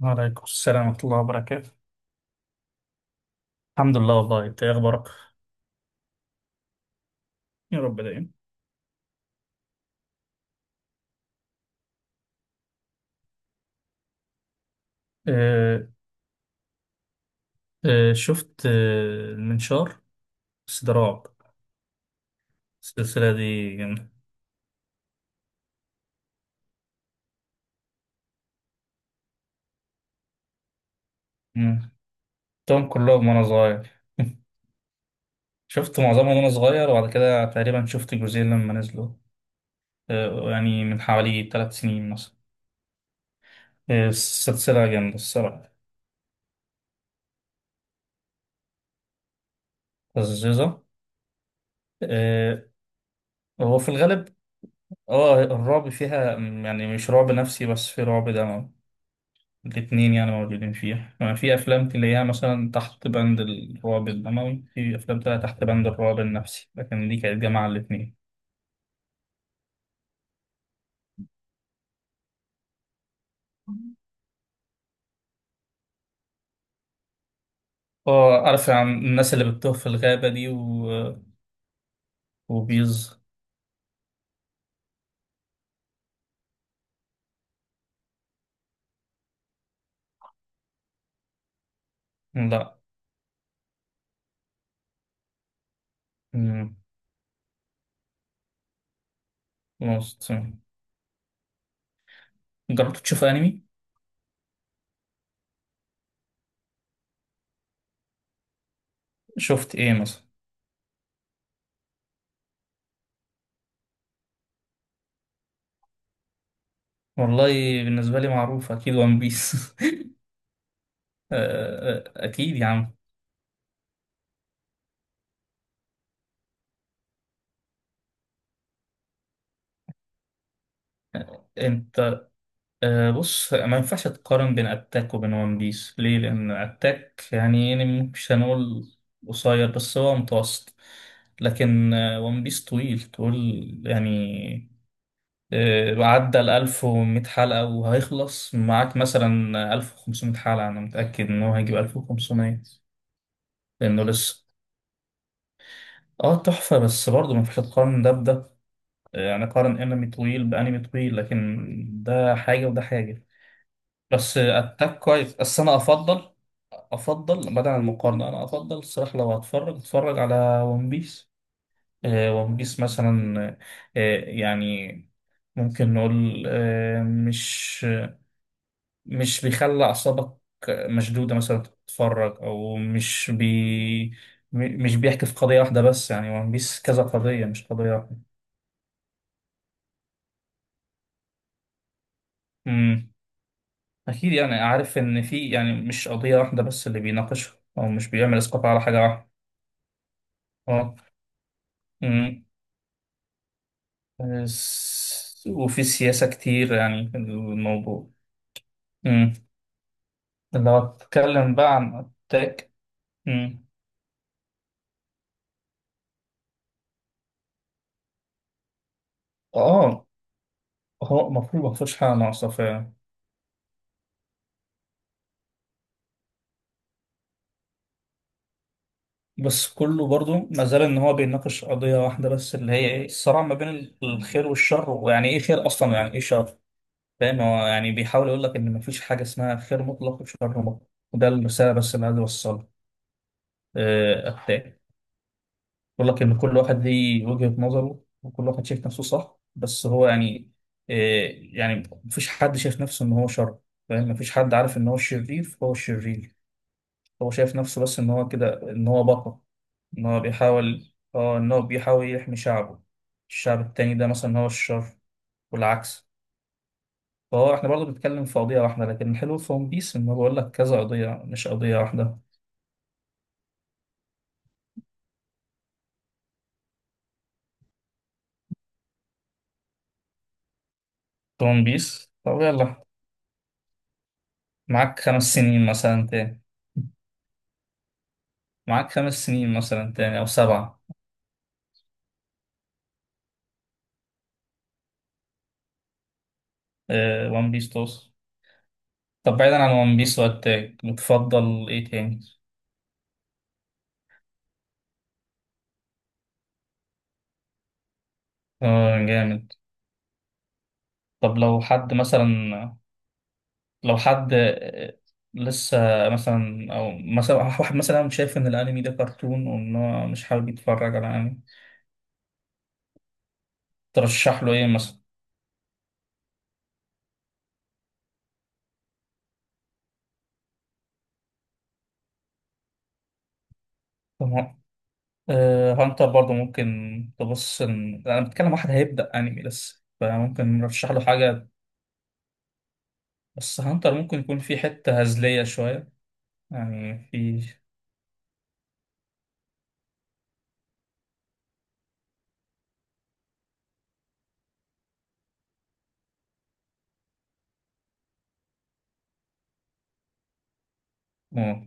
وعليكم السلام ورحمة الله وبركاته. الحمد لله. والله انت ايه اخبارك؟ يا رب دايما. آه آه. شفت المنشار، بس ده رعب. السلسلة دي جامدة. مم. شفتهم كلهم وانا صغير. شفت معظمهم وانا صغير، وبعد كده تقريبا شفت جزئين لما نزلوا. يعني من حوالي ثلاث سنين مثلا. السلسلة جامدة الصراحة. لذيذة. آه هو في الغالب اه الرعب فيها، يعني مش رعب نفسي بس في رعب دموي. الاتنين يعني موجودين فيها. يعني في أفلام تلاقيها مثلا تحت بند الرعب الدموي، في أفلام تلاقيها تحت بند الرعب النفسي، لكن دي كانت جامعة الاتنين. اه عارف، عن الناس اللي بتتوه في الغابة دي و وبيز. لا. مم. lost. جربت تشوف أنمي؟ شفت إيه مثلا؟ والله، بالنسبة لي معروف أكيد ون بيس. أكيد يا عم. أنت. بص، ما ينفعش تقارن بين اتاك وبين ون بيس، ليه؟ لان اتاك يعني يعني مش هنقول قصير، بس هو متوسط، لكن ون بيس طويل طول يعني. أه عدى ال 1100 حلقة، وهيخلص معاك مثلا 1500 حلقة، انا متأكد ان هو هيجيب 1500، لانه لسه. اه تحفة، بس برضه ما ينفعش تقارن ده بده. يعني قارن انمي طويل بانمي طويل، لكن ده حاجة وده حاجة. بس اتاك كويس، بس انا افضل. افضل بعد عن المقارنه، انا افضل الصراحه لو هتفرج اتفرج على ون بيس. ون بيس مثلا يعني ممكن نقول مش بيخلي اعصابك مشدوده مثلا. تتفرج او مش بي، مش بيحكي في قضيه واحده بس. يعني ون بيس كذا قضيه مش قضيه واحده. امم اكيد يعني عارف ان في يعني مش قضيه واحده بس اللي بيناقشها، او مش بيعمل اسقاط على حاجه واحده. اه بس- وفي سياسة كتير يعني في الموضوع. امم لو اتكلم بقى عن التاك. امم اه هو المفروض ما فيهوش حاجة ناقصة فعلا. بس كله برضو ما زال ان هو بيناقش قضية واحدة بس، اللي هي ايه؟ الصراع ما بين الخير والشر، ويعني ايه خير اصلا، ويعني ايه شر. فاهم، هو يعني بيحاول يقول لك ان ما فيش حاجة اسمها خير مطلق وشر مطلق، وده الرسالة بس اللي عايز اوصلها. آه، بقول لك ان كل واحد ليه وجهة نظره، وكل واحد شايف نفسه صح، بس هو يعني إيه؟ يعني مفيش حد شايف نفسه ان هو شر. فاهم، مفيش حد عارف ان هو الشرير فهو الشرير. هو شايف نفسه بس ان هو كده، ان هو بطل. ان هو بيحاول يحمي شعبه. الشعب التاني ده مثلا هو الشر، والعكس. فهو احنا برضه بنتكلم في قضية واحدة، لكن الحلو في ون بيس ان هو بيقول لك كذا قضية، مش قضية واحدة. في ون بيس، طب يلا. معاك خمس سنين مثلا تاني. معاك خمس سنين مثلا تاني أو سبعة. ون بيس توصل. طب بعيدا عن ون بيس وأتاك، بتفضل إيه تاني؟ جامد. طب لو حد مثلا، لو حد لسه، مثلا، أو مثلا واحد مثلا شايف إن الأنمي ده كرتون، وإن هو مش حابب يتفرج على أنمي. ترشح له إيه مثلا؟ طب هانتر برضه ممكن. تبص، إن أنا بتكلم واحد هيبدأ أنمي لسه، فممكن نرشح له حاجة. بس هانتر ممكن يكون في حتة هزلية شوية، يعني في. اه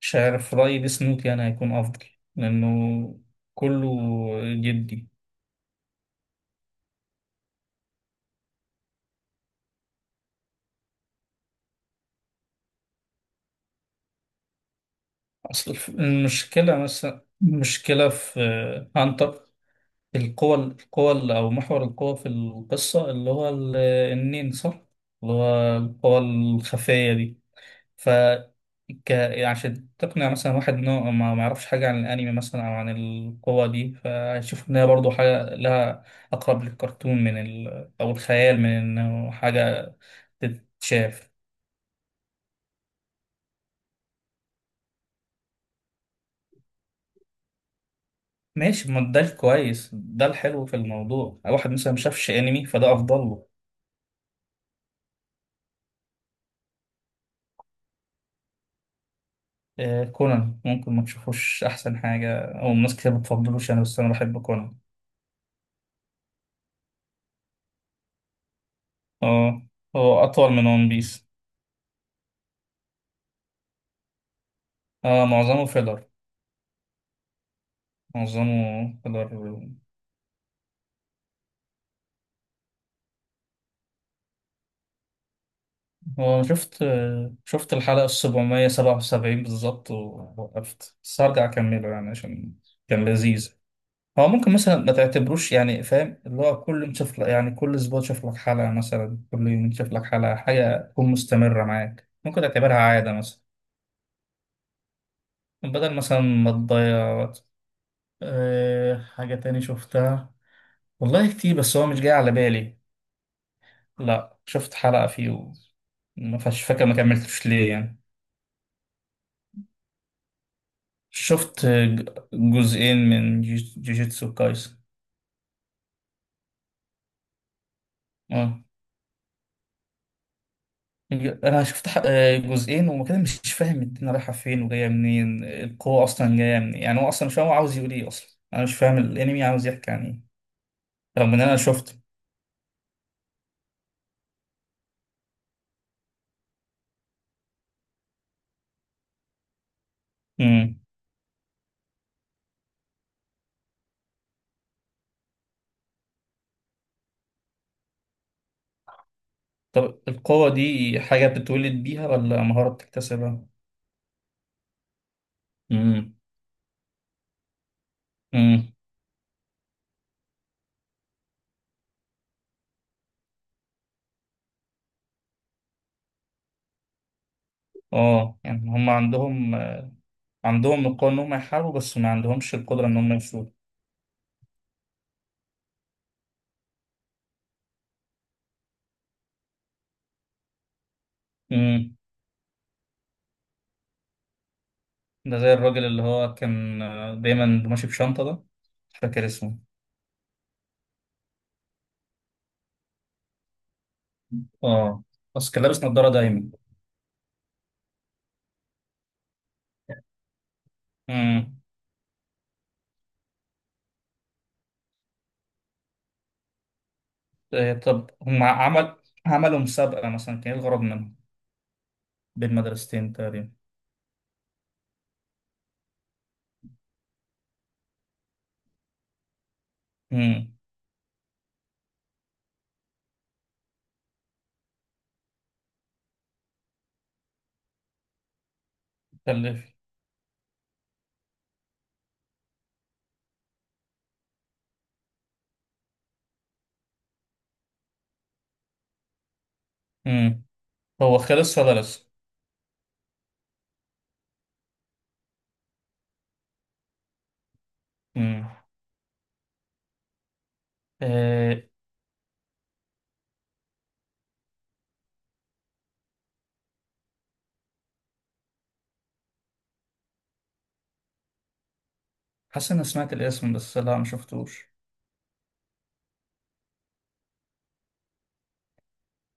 مش عارف رأيي بسنوك يعني هيكون أفضل، لأنه كله جدي. أصل المشكلة في هانتر، القوة اللي- أو محور القوة في القصة، اللي هو ال- النين، صح؟ اللي هو القوة الخفية دي. ف، ك، عشان تقنع مثلا واحد انه ما ما يعرفش حاجة عن الانمي مثلا او عن القوة دي، فهيشوف ان هي برضه حاجة لها اقرب للكرتون من ال او الخيال، من انه حاجة تتشاف. ماشي، ما ده الكويس، ده الحلو في الموضوع. واحد مثلا ما شافش انمي، فده افضل له. كونان ممكن ما تشوفوش احسن حاجة، او ناس كتير ما بتفضلوش، انا بس انا بحب كونان. اه هو اطول من ون بيس. اه معظمه فيلر. معظمه فيلر. هو شفت الحلقة السبعمية سبعة وسبعين بالظبط، ووقفت، بس هرجع أكمله يعني عشان كان لذيذ. هو ممكن مثلا ما تعتبروش، يعني فاهم، اللي هو كل يوم تشوف لك، يعني كل أسبوع تشوف لك حلقة مثلا، كل يوم تشوف لك حلقة، حاجة تكون مستمرة معاك ممكن تعتبرها عادة مثلا، بدل مثلا ما تضيع وقت. أه، حاجة تاني شفتها. والله كتير بس هو مش جاي على بالي. لا، شفت حلقة فيه وما فاش فاكر ما كملتش ليه يعني. شفت جزئين من جوجيتسو كايسن. اه انا شفت جزئين، وما كده مش فاهم الدنيا رايحه فين وجايه منين، القوه اصلا جايه منين، يعني هو اصلا مش فاهم هو عاوز يقول ايه، اصلا انا مش فاهم الانمي عاوز يحكي عن ايه، رغم ان انا شفت. امم طب القوه دي حاجه بتتولد بيها ولا مهاره بتكتسبها؟ امم امم اه يعني هم عندهم. عندهم القوه ان هم يحاربوا، بس ما عندهمش القدره ان هم يفوضوا. ده زي الراجل اللي هو كان دايما ماشي بشنطة ده، مش فاكر اسمه. اه بس كان لابس نظارة دايما. امم طب هم عملوا مسابقة مثلا، كان ايه الغرض منها بين مدرستين تقريبا. امم كلف. امم هو خلص ولا لسه؟ امم آه، حاسس اني سمعت الاسم، بس لا، ما شفتوش.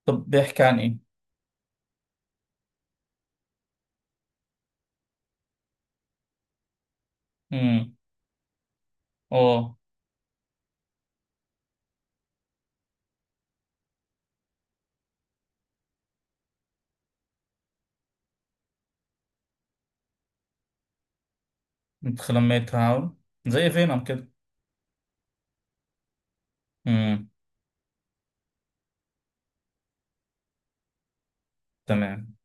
طب بيحكي عن ايه؟ امم اه انت خلميت تعاون، زي فينوم كده. امم تمام.